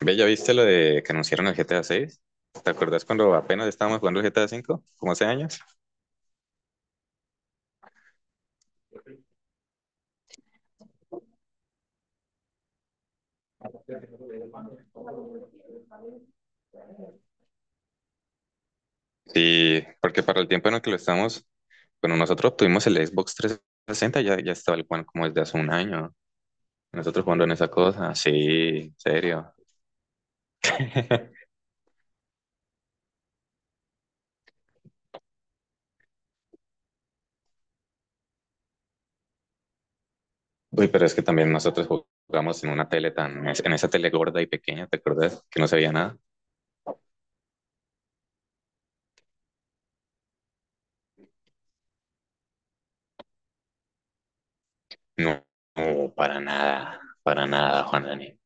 Ve, ¿ya viste lo de que anunciaron el GTA 6? ¿Te acuerdas cuando apenas estábamos jugando el GTA 5 como hace años? Sí, porque para el tiempo en el que lo estamos, bueno, nosotros obtuvimos el Xbox 360, ya estaba el One como desde hace un año. Nosotros jugando en esa cosa, sí, serio. Uy, pero es que también nosotros jugamos en esa tele gorda y pequeña, ¿te acuerdas? Que no se veía nada. No, no, para nada, Juan Dani.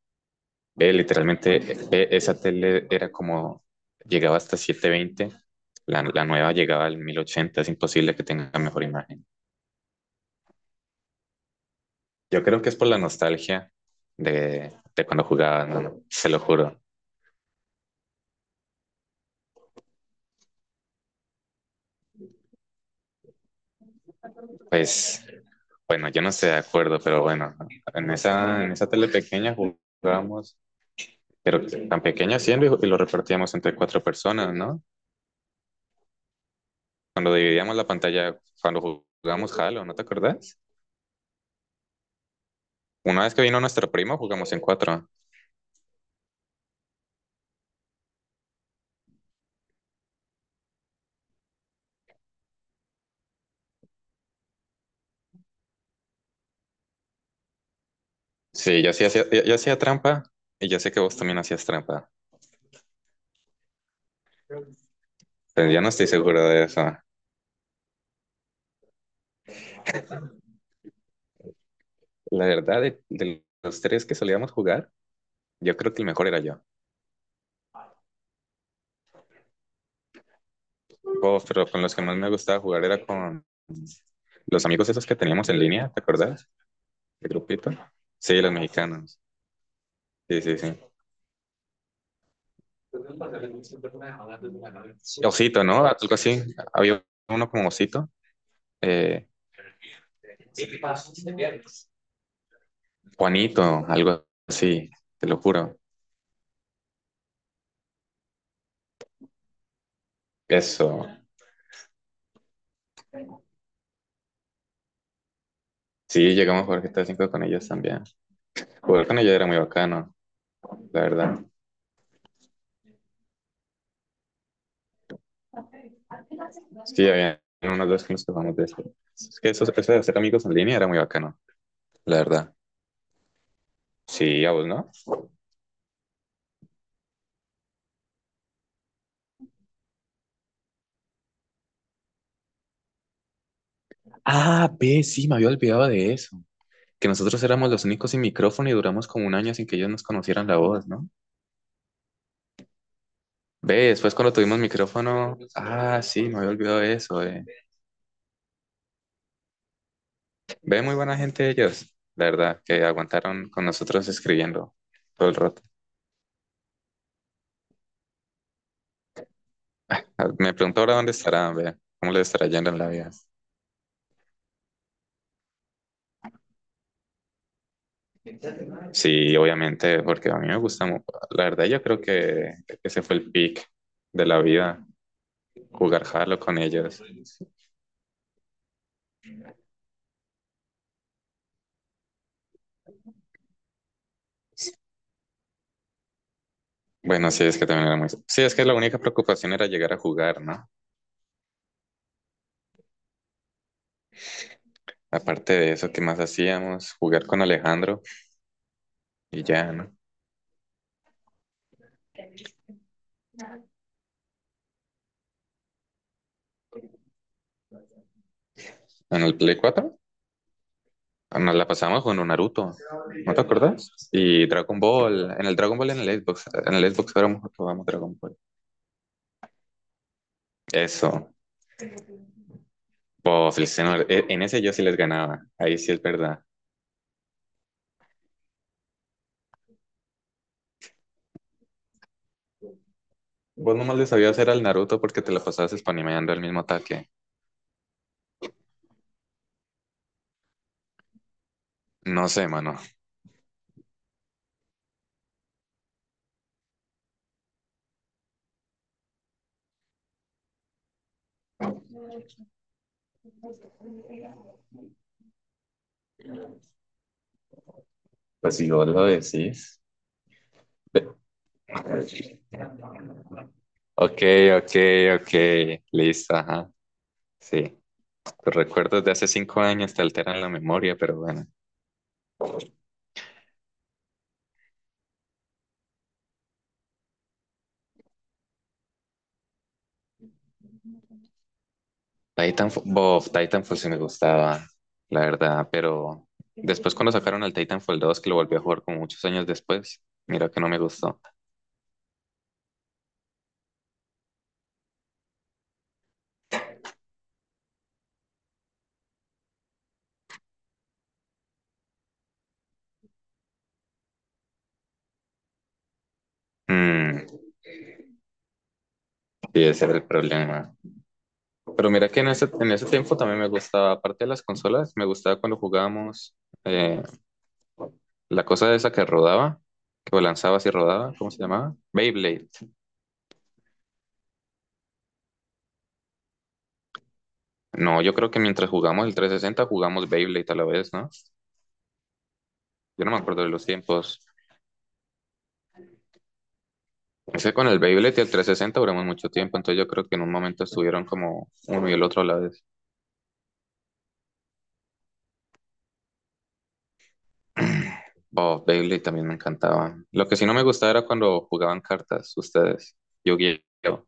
Ve, literalmente, ve, esa tele era como, llegaba hasta 720. La nueva llegaba al 1080. Es imposible que tenga mejor imagen. Yo creo que es por la nostalgia de cuando jugaba, ¿no? Se lo juro. Pues, bueno, yo no estoy de acuerdo, pero bueno, en esa tele pequeña jugábamos, pero tan pequeña siendo y lo repartíamos entre cuatro personas, ¿no? Cuando dividíamos la pantalla, cuando jugábamos Halo, ¿no te acordás? Una vez que vino nuestro primo, jugamos en cuatro. Sí, yo hacía trampa y yo sé que vos también hacías trampa. Pero yo no estoy seguro de eso. La verdad, de los tres que solíamos jugar, yo creo que el mejor era yo. Oh, pero con los que más me gustaba jugar era con los amigos esos que teníamos en línea, ¿te acordás? El grupito. Sí, los mexicanos. Sí, sí, sí. Osito, ¿no? Algo así. Había uno como Osito. eh, Juanito, algo así, te lo juro. Eso. Sí, llegamos a jugar GTA 5 con ellos también. Jugar con ella era muy bacano, la verdad. Sí, había unos dos que nos topamos de eso. Es que eso de hacer amigos en línea era muy bacano, la verdad. Sí, a vos, ¿no? Ah, ve, sí, me había olvidado de eso. Que nosotros éramos los únicos sin micrófono y duramos como un año sin que ellos nos conocieran la voz, ¿no? Ve, después cuando tuvimos micrófono. Ah, sí, me había olvidado de eso. Ve, muy buena gente ellos, la verdad, que aguantaron con nosotros escribiendo todo el rato. Ah, me pregunto ahora dónde estarán, ve, cómo les estará yendo en la vida. Sí, obviamente, porque a mí me gusta, la verdad yo creo que ese fue el pick de la vida, jugar Halo con ellos. Bueno, sí, es que también era muy. Sí, es que la única preocupación era llegar a jugar, ¿no? Aparte de eso, ¿qué más hacíamos? Jugar con Alejandro y ya, ¿no? En el Play 4, nos la pasamos con un Naruto, ¿no te acuerdas? Y Dragon Ball, en el Dragon Ball en el Xbox éramos jugábamos Dragon Ball. Eso, pues, el señor, en ese yo sí les ganaba, ahí sí es verdad. Vos nomás le sabías hacer al Naruto porque te la pasabas spanimeando el mismo ataque. No sé, mano. Pues si vos lo decís. Ve- Ok, ok, ok. Listo, ajá. Sí. Tus recuerdos de hace 5 años te alteran la memoria, pero bueno. Titanfall sí me gustaba, la verdad, pero después cuando sacaron el Titanfall 2 que lo volví a jugar como muchos años después, mira que no me gustó. Mm, sí, ese era el problema. Pero mira que en ese tiempo también me gustaba, aparte de las consolas, me gustaba cuando jugábamos eh, la cosa esa que rodaba, que lanzabas y rodaba, ¿cómo se llamaba? Beyblade. No, yo creo que mientras jugamos el 360 jugamos Beyblade a la vez, ¿no? Yo no me acuerdo de los tiempos. Es que con el Beyblade y el 360 duramos mucho tiempo, entonces yo creo que en un momento estuvieron como uno y el otro a la vez. Oh, Beyblade también me encantaba. Lo que sí no me gustaba era cuando jugaban cartas ustedes, Yu-Gi-Oh.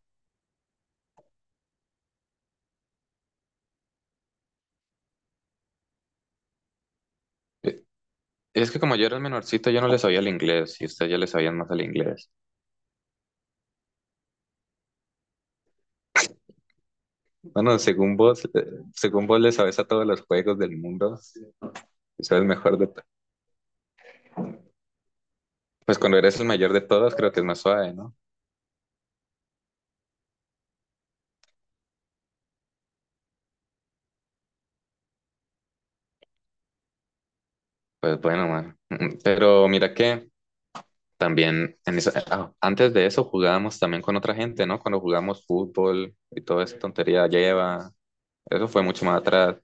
Es que como yo era el menorcito, yo no le sabía el inglés y ustedes ya le sabían más el inglés. Bueno, según vos le sabes a todos los juegos del mundo, y sabes mejor de to- Pues cuando eres el mayor de todos, creo que es más suave, ¿no? Pues bueno, man. Pero mira que también, antes de eso jugábamos también con otra gente, ¿no? Cuando jugábamos fútbol y toda esa tontería lleva, eso fue mucho más atrás.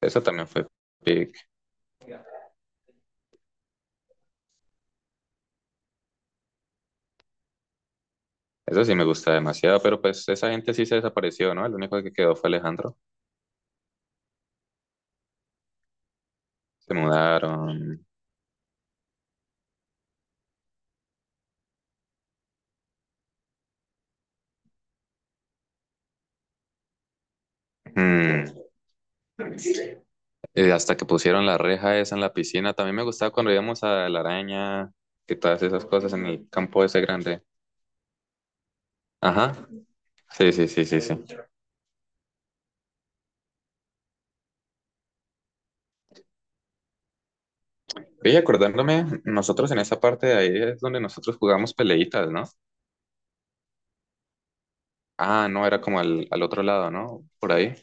Eso también fue pic. Eso sí me gusta demasiado, pero pues esa gente sí se desapareció, ¿no? El único que quedó fue Alejandro. Se mudaron. Mm, Hasta que pusieron la reja esa en la piscina. También me gustaba cuando íbamos a la araña y todas esas cosas en el campo ese grande. Ajá. Sí, sí, sí, sí, sí. Y acordándome, nosotros en esa parte de ahí es donde nosotros jugamos peleitas, ¿no? Ah, no, era como al otro lado, ¿no? Por ahí.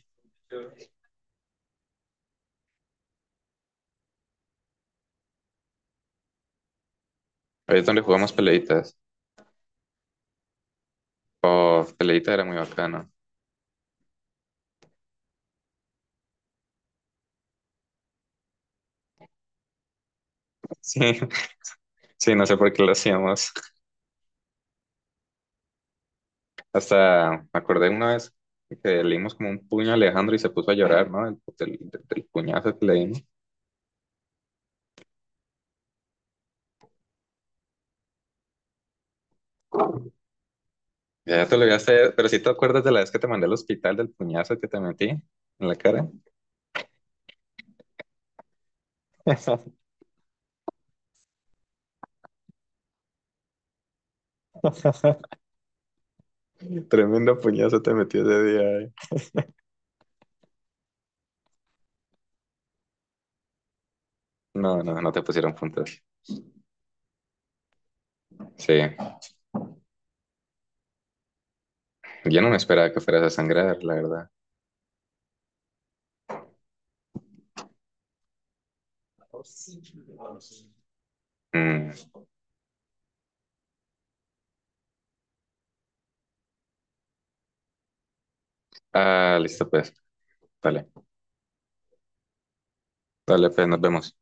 Ahí es donde jugamos peleitas. Oh, peleita era muy bacano. Sí, sí, no sé por qué lo hacíamos. Hasta me acordé una vez que le dimos como un puño a Alejandro y se puso a llorar, ¿no? Del, del- del puñazo que le dimos. Ya te lo voy a hacer, pero si te acuerdas de la vez que te mandé al hospital del puñazo que te metí en la cara. Tremendo puñazo te metí ese día. No, no, no te pusieron puntos. Sí, yo no me esperaba que fueras a sangrar, la verdad. Mm. Ah, listo, pues. Dale, dale, pues nos vemos.